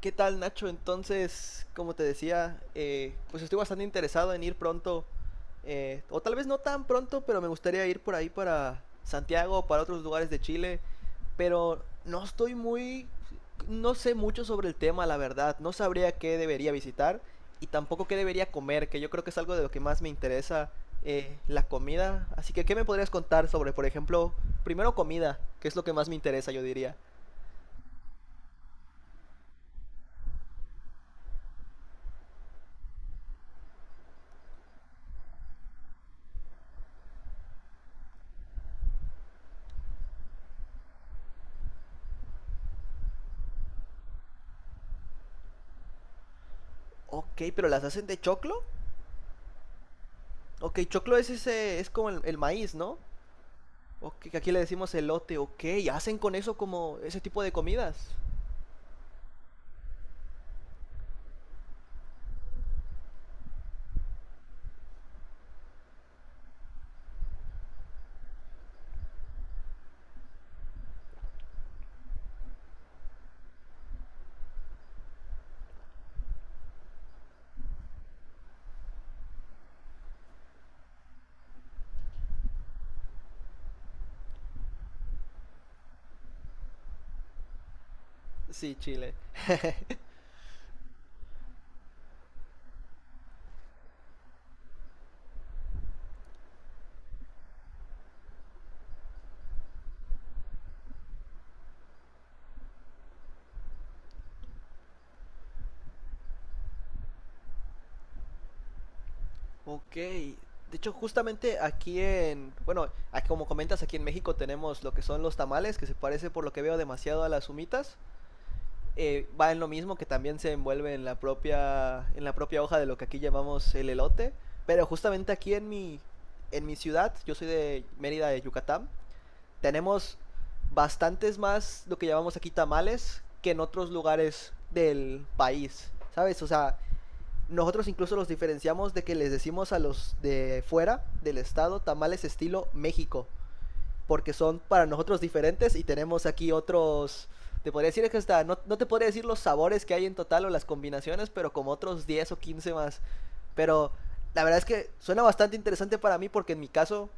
¿Qué tal, Nacho? Entonces, como te decía, pues estoy bastante interesado en ir pronto, o tal vez no tan pronto, pero me gustaría ir por ahí para Santiago, o para otros lugares de Chile, pero no sé mucho sobre el tema, la verdad, no sabría qué debería visitar y tampoco qué debería comer, que yo creo que es algo de lo que más me interesa, la comida. Así que ¿qué me podrías contar sobre, por ejemplo, primero comida, que es lo que más me interesa, yo diría? Ok, pero ¿las hacen de choclo? Ok, choclo es ese, es como el maíz, ¿no? Ok, que aquí le decimos elote, ok. ¿Hacen con eso como ese tipo de comidas? Sí, Chile. Ok. De hecho, justamente aquí en, bueno, como comentas, aquí en México tenemos lo que son los tamales, que se parece por lo que veo demasiado a las humitas. Va en lo mismo, que también se envuelve en la propia hoja de lo que aquí llamamos el elote. Pero justamente aquí en en mi ciudad, yo soy de Mérida, de Yucatán. Tenemos bastantes más lo que llamamos aquí tamales que en otros lugares del país, ¿sabes? O sea, nosotros incluso los diferenciamos de que les decimos a los de fuera del estado tamales estilo México, porque son para nosotros diferentes y tenemos aquí otros... Te podría decir que hasta, no, no te podría decir los sabores que hay en total o las combinaciones, pero como otros 10 o 15 más. Pero la verdad es que suena bastante interesante para mí, porque en mi caso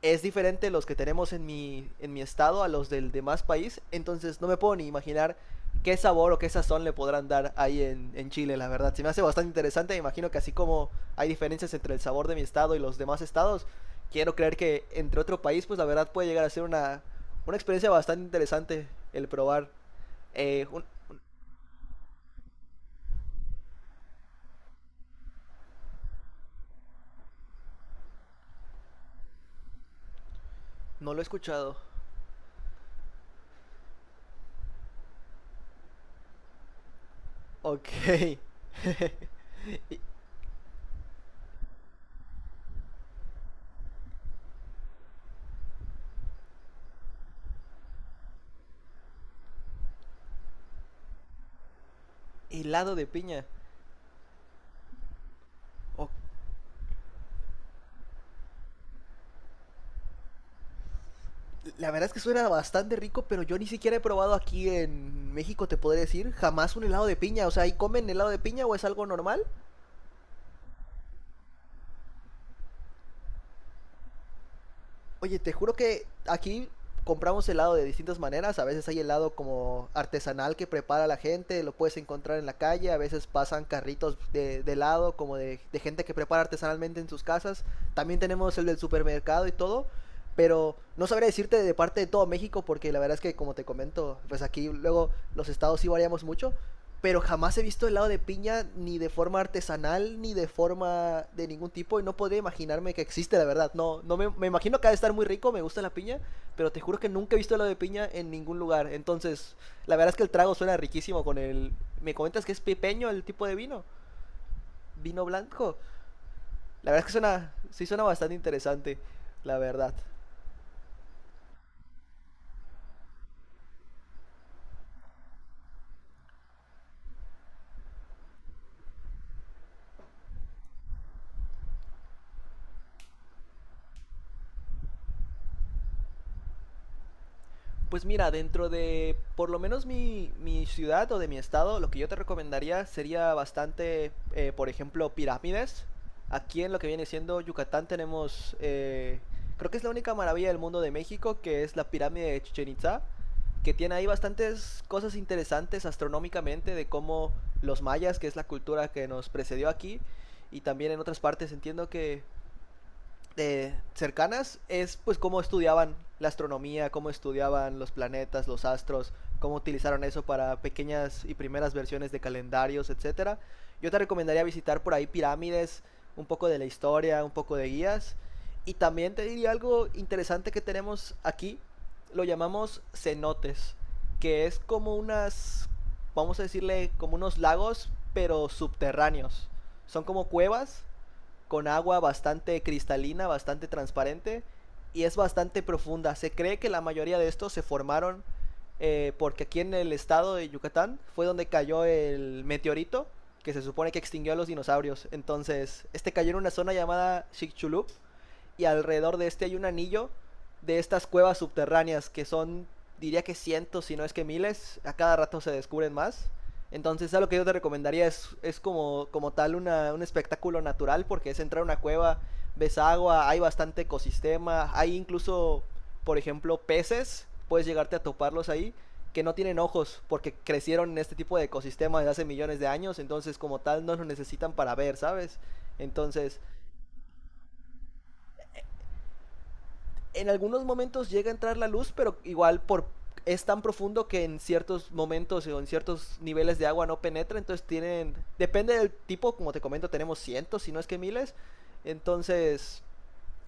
es diferente los que tenemos en en mi estado a los del demás país. Entonces no me puedo ni imaginar qué sabor o qué sazón le podrán dar ahí en Chile, la verdad. Se me hace bastante interesante. Me imagino que, así como hay diferencias entre el sabor de mi estado y los demás estados, quiero creer que entre otro país, pues la verdad puede llegar a ser una experiencia bastante interesante el probar. Eh, un- No lo he escuchado. Ok. Helado de piña. Ok. La verdad es que suena bastante rico, pero yo ni siquiera he probado aquí en México, te podré decir, jamás un helado de piña. O sea, ¿ahí comen helado de piña o es algo normal? Oye, te juro que aquí compramos helado de distintas maneras. A veces hay helado como artesanal que prepara la gente, lo puedes encontrar en la calle. A veces pasan carritos de helado, como de gente que prepara artesanalmente en sus casas. También tenemos el del supermercado y todo, pero no sabría decirte de parte de todo México, porque la verdad es que, como te comento, pues aquí luego los estados sí variamos mucho, pero jamás he visto helado de piña ni de forma artesanal ni de forma de ningún tipo, y no podría imaginarme que existe, la verdad. No, me imagino que ha de estar muy rico, me gusta la piña, pero te juro que nunca he visto helado de piña en ningún lugar. Entonces, la verdad es que el trago suena riquísimo con el... ¿Me comentas que es pipeño el tipo de vino? ¿Vino blanco? La verdad es que suena, sí suena bastante interesante, la verdad. Pues mira, dentro de por lo menos mi ciudad o de mi estado, lo que yo te recomendaría sería bastante, por ejemplo, pirámides. Aquí en lo que viene siendo Yucatán tenemos, creo que es la única maravilla del mundo de México, que es la pirámide de Chichen Itza, que tiene ahí bastantes cosas interesantes astronómicamente de cómo los mayas, que es la cultura que nos precedió aquí, y también en otras partes entiendo que cercanas, es pues cómo estudiaban la astronomía, cómo estudiaban los planetas, los astros, cómo utilizaron eso para pequeñas y primeras versiones de calendarios, etcétera. Yo te recomendaría visitar por ahí pirámides, un poco de la historia, un poco de guías. Y también te diría algo interesante que tenemos aquí, lo llamamos cenotes, que es como unas, vamos a decirle, como unos lagos, pero subterráneos. Son como cuevas con agua bastante cristalina, bastante transparente, y es bastante profunda. Se cree que la mayoría de estos se formaron porque aquí en el estado de Yucatán fue donde cayó el meteorito que se supone que extinguió a los dinosaurios. Entonces, este cayó en una zona llamada Chicxulub, y alrededor de este hay un anillo de estas cuevas subterráneas que son, diría que cientos, si no es que miles, a cada rato se descubren más. Entonces, a lo que yo te recomendaría es como, como tal un espectáculo natural, porque es entrar a una cueva, ves agua, hay bastante ecosistema, hay incluso, por ejemplo, peces, puedes llegarte a toparlos ahí, que no tienen ojos, porque crecieron en este tipo de ecosistema desde hace millones de años, entonces como tal no lo necesitan para ver, ¿sabes? Entonces, en algunos momentos llega a entrar la luz, pero igual por es tan profundo que en ciertos momentos o en ciertos niveles de agua no penetra, entonces tienen depende del tipo, como te comento, tenemos cientos, si no es que miles. Entonces,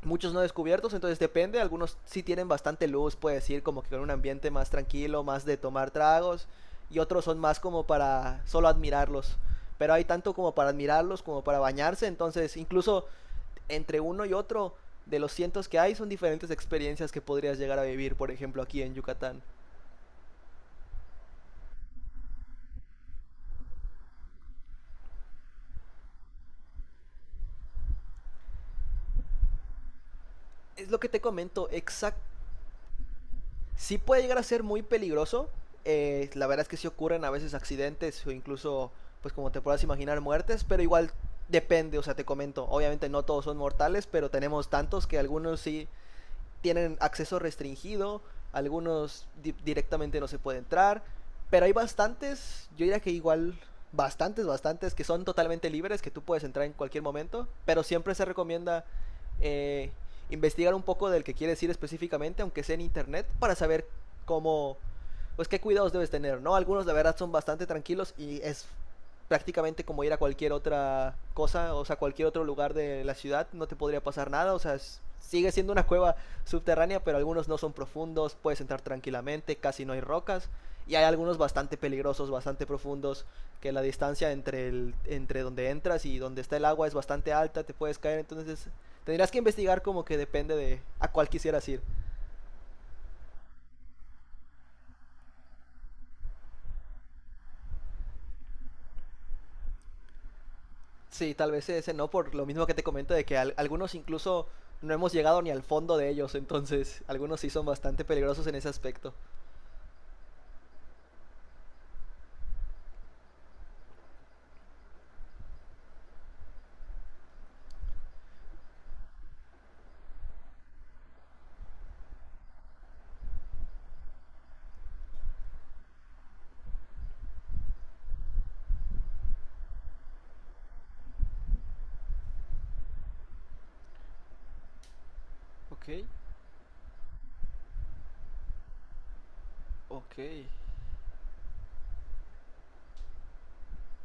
muchos no descubiertos, entonces depende, algunos sí tienen bastante luz, puedes ir como que con un ambiente más tranquilo, más de tomar tragos, y otros son más como para solo admirarlos. Pero hay tanto como para admirarlos como para bañarse, entonces incluso entre uno y otro de los cientos que hay son diferentes experiencias que podrías llegar a vivir, por ejemplo, aquí en Yucatán. Es lo que te comento, exacto. Sí puede llegar a ser muy peligroso. La verdad es que sí ocurren a veces accidentes o incluso, pues como te puedas imaginar, muertes, pero igual depende, o sea, te comento. Obviamente no todos son mortales, pero tenemos tantos que algunos sí tienen acceso restringido, algunos directamente no se puede entrar, pero hay bastantes, yo diría que igual bastantes que son totalmente libres, que tú puedes entrar en cualquier momento, pero siempre se recomienda eh, investigar un poco del que quieres ir específicamente, aunque sea en internet, para saber cómo, pues qué cuidados debes tener, ¿no? Algunos la verdad son bastante tranquilos y es prácticamente como ir a cualquier otra cosa, o sea, cualquier otro lugar de la ciudad, no te podría pasar nada, o sea, sigue siendo una cueva subterránea, pero algunos no son profundos, puedes entrar tranquilamente, casi no hay rocas. Y hay algunos bastante peligrosos, bastante profundos, que la distancia entre, el, entre donde entras y donde está el agua es bastante alta, te puedes caer, entonces tendrás que investigar como que depende de a cuál quisieras ir. Sí, tal vez ese no, por lo mismo que te comento de que algunos incluso no hemos llegado ni al fondo de ellos, entonces algunos sí son bastante peligrosos en ese aspecto. Ok, ok.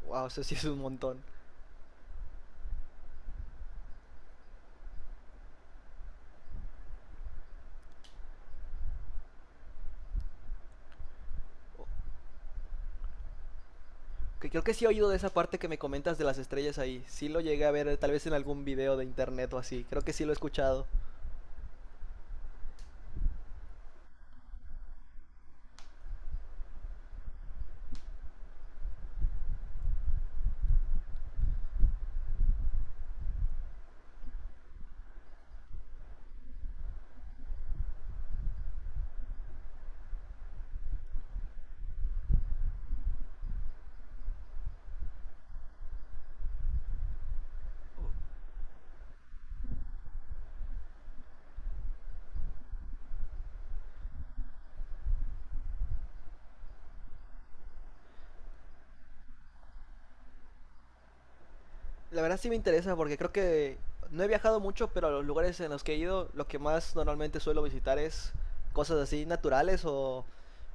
Wow, eso sí es un montón. Que creo que sí he oído de esa parte que me comentas de las estrellas ahí. Sí lo llegué a ver, tal vez en algún video de internet o así. Creo que sí lo he escuchado. La verdad sí me interesa porque creo que no he viajado mucho, pero a los lugares en los que he ido, lo que más normalmente suelo visitar es cosas así naturales o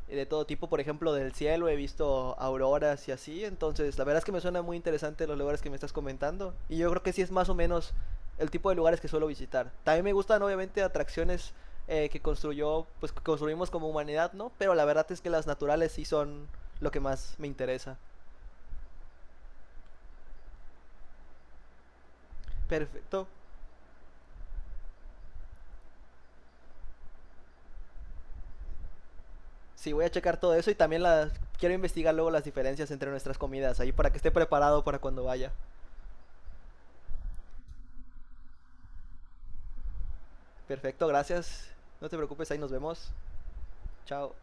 de todo tipo, por ejemplo, del cielo, he visto auroras y así, entonces la verdad es que me suena muy interesante los lugares que me estás comentando y yo creo que sí es más o menos el tipo de lugares que suelo visitar. También me gustan obviamente atracciones, que construyó, pues que construimos como humanidad, ¿no? Pero la verdad es que las naturales sí son lo que más me interesa. Perfecto. Sí, voy a checar todo eso, y también las quiero investigar luego las diferencias entre nuestras comidas ahí para que esté preparado para cuando vaya. Perfecto, gracias. No te preocupes, ahí nos vemos. Chao.